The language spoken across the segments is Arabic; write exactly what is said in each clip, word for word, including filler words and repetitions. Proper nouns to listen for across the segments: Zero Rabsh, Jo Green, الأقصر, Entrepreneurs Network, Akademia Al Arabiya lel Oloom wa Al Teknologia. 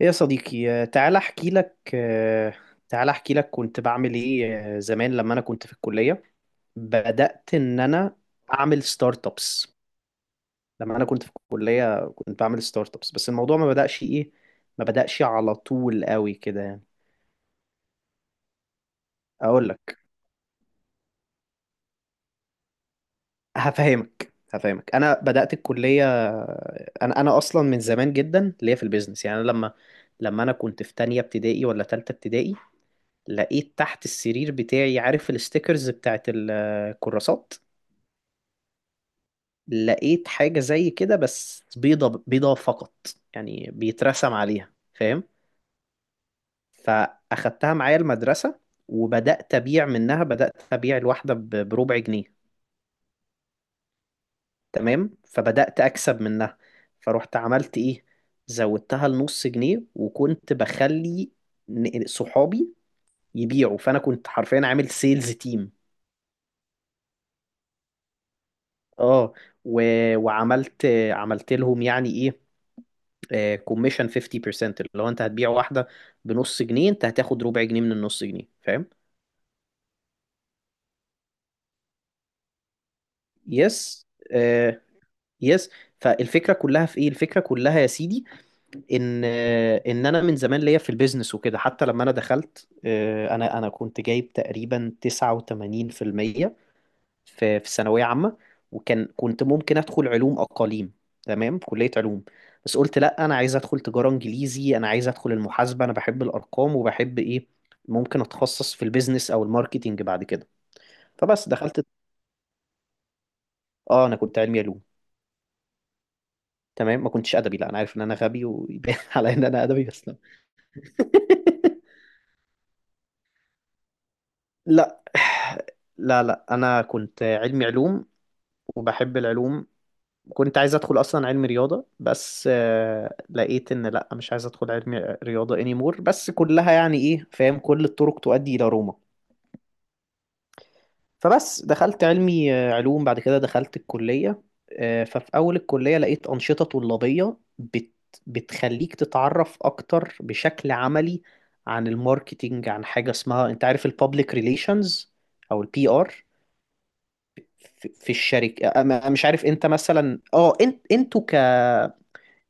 ايه يا صديقي آه، تعالى احكي لك آه، تعالى احكي لك كنت بعمل ايه آه، زمان لما انا كنت في الكلية بدأت ان انا اعمل ستارت ابس. لما انا كنت في الكلية كنت بعمل ستارت ابس، بس الموضوع ما بدأش ايه، ما بدأش على طول قوي كده يعني. اقول لك، هفهمك هفهمك. انا بدأت الكلية، انا انا اصلا من زمان جدا ليا في البيزنس. يعني أنا لما لما انا كنت في تانية ابتدائي ولا تالتة ابتدائي، لقيت تحت السرير بتاعي، عارف الستيكرز بتاعت الكراسات، لقيت حاجة زي كده بس بيضة بيضة فقط، يعني بيترسم عليها، فاهم؟ فأخدتها معايا المدرسة وبدأت أبيع منها. بدأت أبيع الواحدة ب- بربع جنيه، تمام، فبدأت أكسب منها. فروحت عملت إيه، زودتها لنص جنيه وكنت بخلي ن- صحابي يبيعوا. فأنا كنت حرفيا عامل سيلز تيم. اه و... وعملت، عملت لهم يعني ايه، كوميشن خمسين في المية، اللي هو انت هتبيع واحده بنص جنيه، انت هتاخد ربع جنيه من النص جنيه، فاهم؟ يس، آه، يس. فالفكره كلها في ايه، الفكره كلها يا سيدي، ان آه ان انا من زمان ليا في البيزنس وكده. حتى لما انا دخلت آه انا انا كنت جايب تقريبا تسعة وتمانين في المية في في ثانوية عامة، وكان كنت ممكن أدخل علوم أقاليم، تمام، كلية علوم. بس قلت لأ، أنا عايز أدخل تجارة إنجليزي، أنا عايز أدخل المحاسبة، أنا بحب الأرقام وبحب إيه، ممكن أتخصص في البيزنس أو الماركتينج بعد كده. فبس دخلت، آه، أنا كنت علمي علوم، تمام. ما كنتش أدبي، لأ، أنا عارف إن أنا غبي ويبان على إن أنا أدبي، بس لأ. لا. لا لا أنا كنت علمي علوم وبحب العلوم. كنت عايز ادخل اصلا علم رياضه، بس آه، لقيت ان لا، مش عايز ادخل علم رياضه anymore. بس كلها يعني ايه، فاهم، كل الطرق تؤدي الى روما. فبس دخلت علمي آه، علوم. بعد كده دخلت الكليه. آه، ففي اول الكليه لقيت انشطه طلابيه بت بتخليك تتعرف اكتر بشكل عملي عن الماركتينج، عن حاجه اسمها، انت عارف، البابليك ريليشنز او البي ار في في الشركه. أنا- أنا مش عارف انت مثلا، اه، انت انتوا ك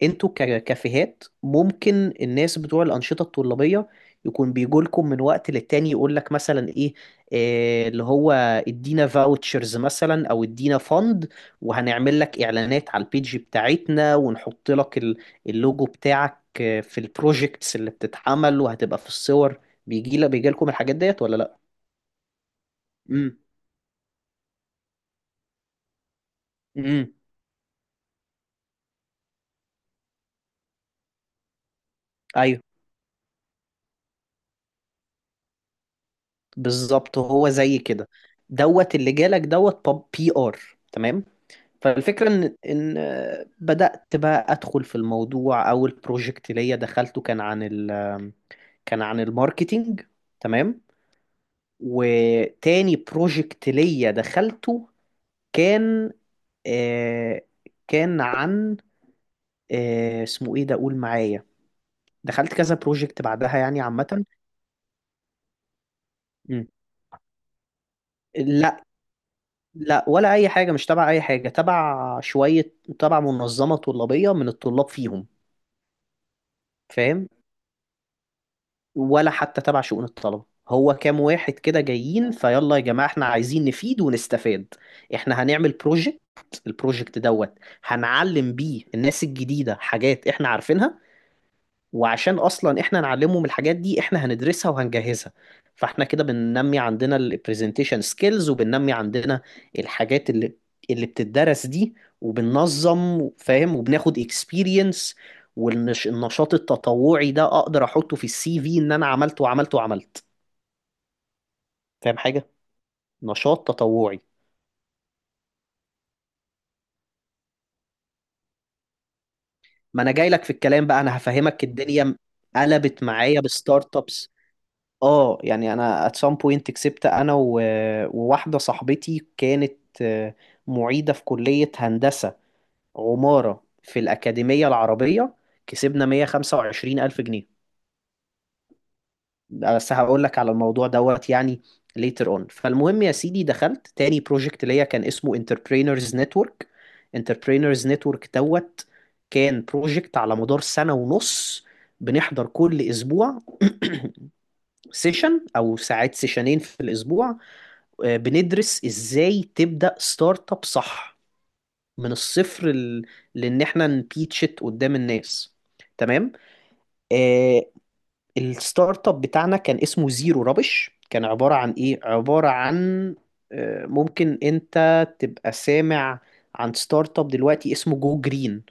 انتوا ك- ككافيهات ممكن الناس بتوع الأنشطة الطلابية يكون بيجولكم من وقت للتاني، يقول لك مثلا ايه، آه، اللي هو ادينا فاوتشرز مثلا او ادينا فند، وهنعمل لك اعلانات على البيج بتاعتنا، ونحط لك ال- اللوجو بتاعك آه، في البروجيكتس اللي بتتعمل وهتبقى في الصور. بيجي لك، بيجي لكم الحاجات ديت ولا لا؟ امم. امم. ايوه، بالظبط، هو زي كده دوت. اللي جالك دوت بي ار، تمام. فالفكرة إن إن بدأت بقى أدخل في الموضوع. أول بروجكت ليا دخلته كان عن ال، كان عن الماركتينج، تمام. وتاني بروجكت ليا دخلته كان، آه، كان عن، آه، اسمه إيه ده، قول معايا. دخلت كذا بروجكت بعدها يعني عامة. مم. لا. لا، ولا أي حاجة، مش تبع أي حاجة، تبع شوية، تبع منظمة طلابية من الطلاب فيهم، فاهم؟ ولا حتى تبع شؤون الطلبة. هو كام واحد كده جايين، فيلا يا جماعة احنا عايزين نفيد ونستفاد، احنا هنعمل بروجكت، البروجكت دوت هنعلم بيه الناس الجديدة حاجات احنا عارفينها. وعشان اصلا احنا نعلمهم من الحاجات دي، احنا هندرسها وهنجهزها. فاحنا كده بننمي عندنا البرزنتيشن سكيلز، وبننمي عندنا الحاجات اللي اللي بتدرس دي، وبننظم، فاهم، وبناخد اكسبيرينس. والنشاط التطوعي ده اقدر احطه في السي في، ان انا عملت وعملت وعملت، فاهم، حاجة نشاط تطوعي. ما انا جاي لك في الكلام بقى، انا هفهمك. الدنيا قلبت معايا بستارت ابس. اه، يعني انا at some point كسبت انا و... وواحده صاحبتي كانت، آه، معيده في كليه هندسه عماره في الاكاديميه العربيه، كسبنا مية وخمسة وعشرين الف جنيه. بس هقول لك على الموضوع دوت يعني later on. فالمهم يا سيدي، دخلت تاني بروجكت ليا كان اسمه Entrepreneurs Network. Entrepreneurs Network دوت كان بروجكت على مدار سنه ونص، بنحضر كل اسبوع سيشن، او ساعات سيشنين في الاسبوع، آه، بندرس ازاي تبدأ ستارت اب، صح، من الصفر ل... لان احنا نبيتشت قدام الناس، تمام. آه، الستارت اب بتاعنا كان اسمه زيرو رابش، كان عبارة عن ايه، عبارة عن، آه، ممكن انت تبقى سامع عن ستارت اب دلوقتي اسمه جو جرين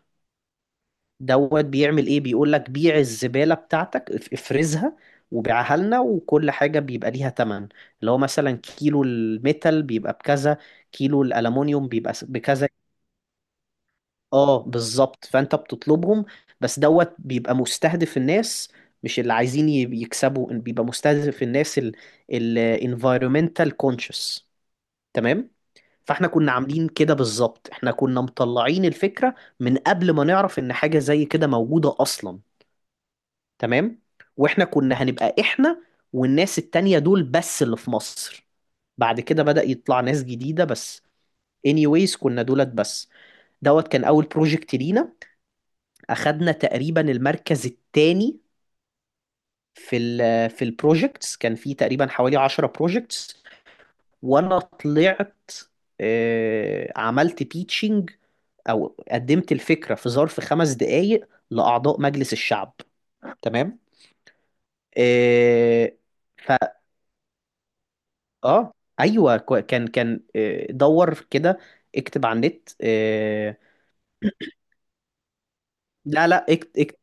دوت، بيعمل ايه، بيقول لك بيع الزبالة بتاعتك، اف- افرزها وبيعها لنا، وكل حاجة بيبقى ليها تمن، اللي هو مثلا كيلو الميتال بيبقى بكذا، كيلو الألمونيوم بيبقى س- بكذا. اه، بالظبط، فانت بتطلبهم. بس دوت بيبقى مستهدف الناس مش اللي عايزين ي- يكسبوا، بيبقى مستهدف الناس ال، ال environmental conscious، تمام. فاحنا كنا عاملين كده بالظبط، احنا كنا مطلعين الفكرة من قبل ما نعرف ان حاجة زي كده موجودة اصلا، تمام. واحنا كنا هنبقى احنا والناس التانية دول بس اللي في مصر، بعد كده بدأ يطلع ناس جديدة بس. anyways كنا دولت بس. دوت كان اول بروجكت لينا، اخدنا تقريبا المركز الثاني في ال، في البروجكتس، كان في تقريبا حوالي عشرة بروجكتس. وانا طلعت، آه، عملت تيتشنج، او قدمت الفكره في ظرف خمس دقائق لاعضاء مجلس الشعب، تمام. آه، ف اه، ايوه، كو- كان كان آه، دور كده، اكتب على النت. آه، لا لا اكت اكت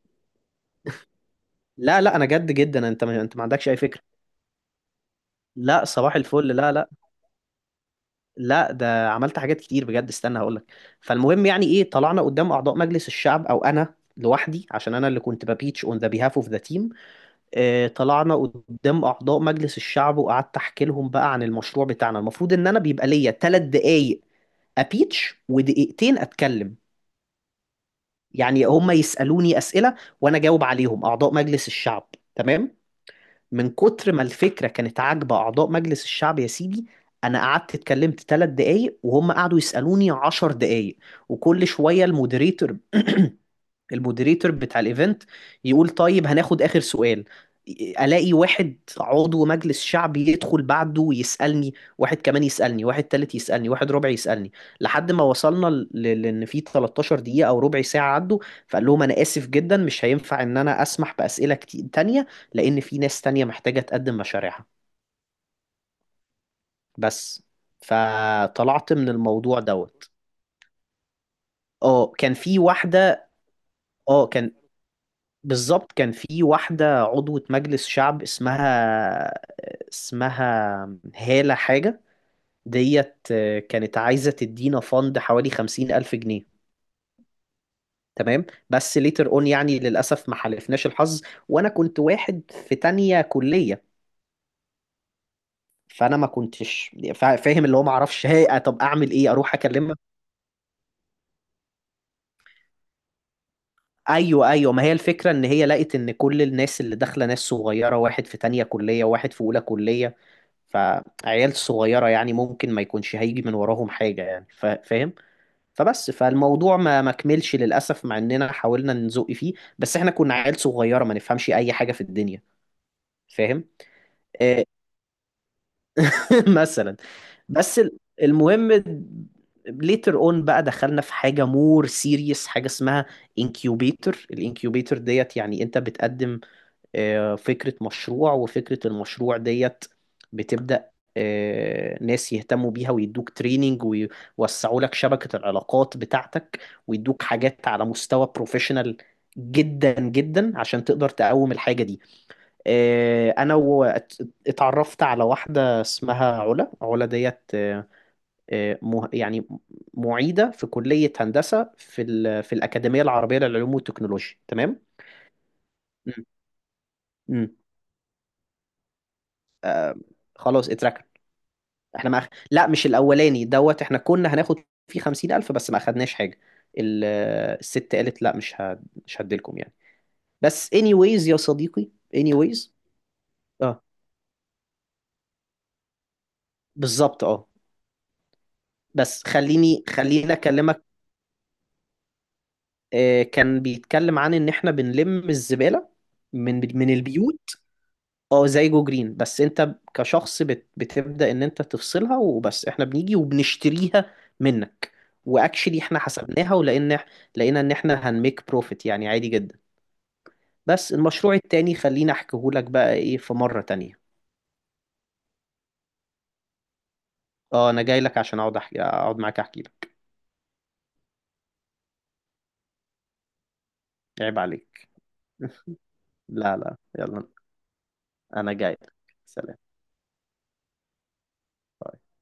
لا لا، انا جد جدا، انت ما، انت ما عندكش اي فكره. لا صباح الفل، لا لا، لا، ده عملت حاجات كتير بجد، استنى هقول لك. فالمهم يعني ايه، طلعنا قدام اعضاء مجلس الشعب، او انا لوحدي عشان انا اللي كنت ببيتش اون ذا بيهاف اوف ذا تيم. طلعنا قدام اعضاء مجلس الشعب، وقعدت احكي لهم بقى عن المشروع بتاعنا. المفروض ان انا بيبقى ليا ثلاث دقايق ابيتش ودقيقتين اتكلم، يعني هم يسألوني أسئلة وأنا أجاوب عليهم، أعضاء مجلس الشعب، تمام. من كتر ما الفكرة كانت عاجبة أعضاء مجلس الشعب يا سيدي، أنا قعدت اتكلمت ثلاث دقايق، وهم قعدوا يسألوني عشر دقايق. وكل شوية المودريتور المودريتور بتاع الايفنت يقول طيب هناخد اخر سؤال، الاقي واحد عضو مجلس شعبي يدخل بعده ويسالني، واحد كمان يسالني، واحد تالت يسالني، واحد ربع يسالني، لحد ما وصلنا ل- ل- لان في ثلاثة عشر دقيقه او ربع ساعه عدوا. فقال لهم انا اسف جدا، مش هينفع ان انا اسمح باسئله كتير تانية، لان في ناس تانية محتاجه تقدم مشاريعها، بس. فطلعت من الموضوع دوت. اه كان في واحده، اه كان، بالظبط، كان في واحدة عضوة مجلس شعب اسمها، اسمها هالة حاجة ديت، آه، كانت عايزة تدينا فند حوالي خمسين ألف جنيه، تمام. بس ليتر اون يعني للأسف ما حالفناش الحظ، وأنا كنت واحد في تانية كلية. فأنا ما كنتش فا- فاهم اللي هو، ما اعرفش هي، طب أعمل إيه، أروح أكلمها. ايوه ايوه، ما هي الفكره ان هي لقت ان كل الناس اللي داخله ناس صغيره، واحد في تانية كليه وواحد في اولى كليه، فعيال صغيره، يعني ممكن ما يكونش هيجي من وراهم حاجه، يعني فا- فاهم. فبس فالموضوع ما ما كملش للاسف، مع اننا حاولنا نزق فيه، بس احنا كنا عيال صغيره، ما نفهمش اي حاجه في الدنيا، فاهم. آه، مثلا. بس ال- المهم، later on بقى دخلنا في حاجة more serious، حاجة اسمها incubator. الانكيوبيتور ديت يعني انت بتقدم آه، فكرة مشروع، وفكرة المشروع ديت بتبدأ آه، ناس يهتموا بيها ويدوك تريننج ويوسعوا لك شبكة العلاقات بتاعتك، ويدوك حاجات على مستوى بروفيشنال جدا جدا عشان تقدر تقوم الحاجة دي. آه، انا و- ات- اتعرفت على واحدة اسمها علا. علا ديت آه، آه، مه- يعني معيدة في كلية هندسة في ال- في الأكاديمية العربية للعلوم والتكنولوجيا، تمام؟ مم. مم. خلاص اتركت. احنا ما أخ... لا مش الاولاني دوت، احنا كنا هناخد فيه خمسين الف بس ما اخدناش حاجه. ال... آه، الست قالت لا، مش هد... مش هديلكم يعني. بس anyways يا صديقي، anyways. اه، بالظبط، اه. بس خليني، خليني اكلمك. آه كان بيتكلم عن ان احنا بنلم الزباله من من البيوت. اه زي جو جرين، بس انت كشخص بت... بتبدأ ان انت تفصلها وبس، احنا بنيجي وبنشتريها منك. واكشلي احنا حسبناها، ولان إح- لقينا ان احنا هنميك بروفيت يعني عادي جدا. بس المشروع التاني خليني احكيهولك بقى ايه في مرة تانية. اه انا جاي لك عشان اقعد احكي، اقعد معاك احكي لك. عيب عليك. لا لا يلا، انا جاي لك. سلام، باي.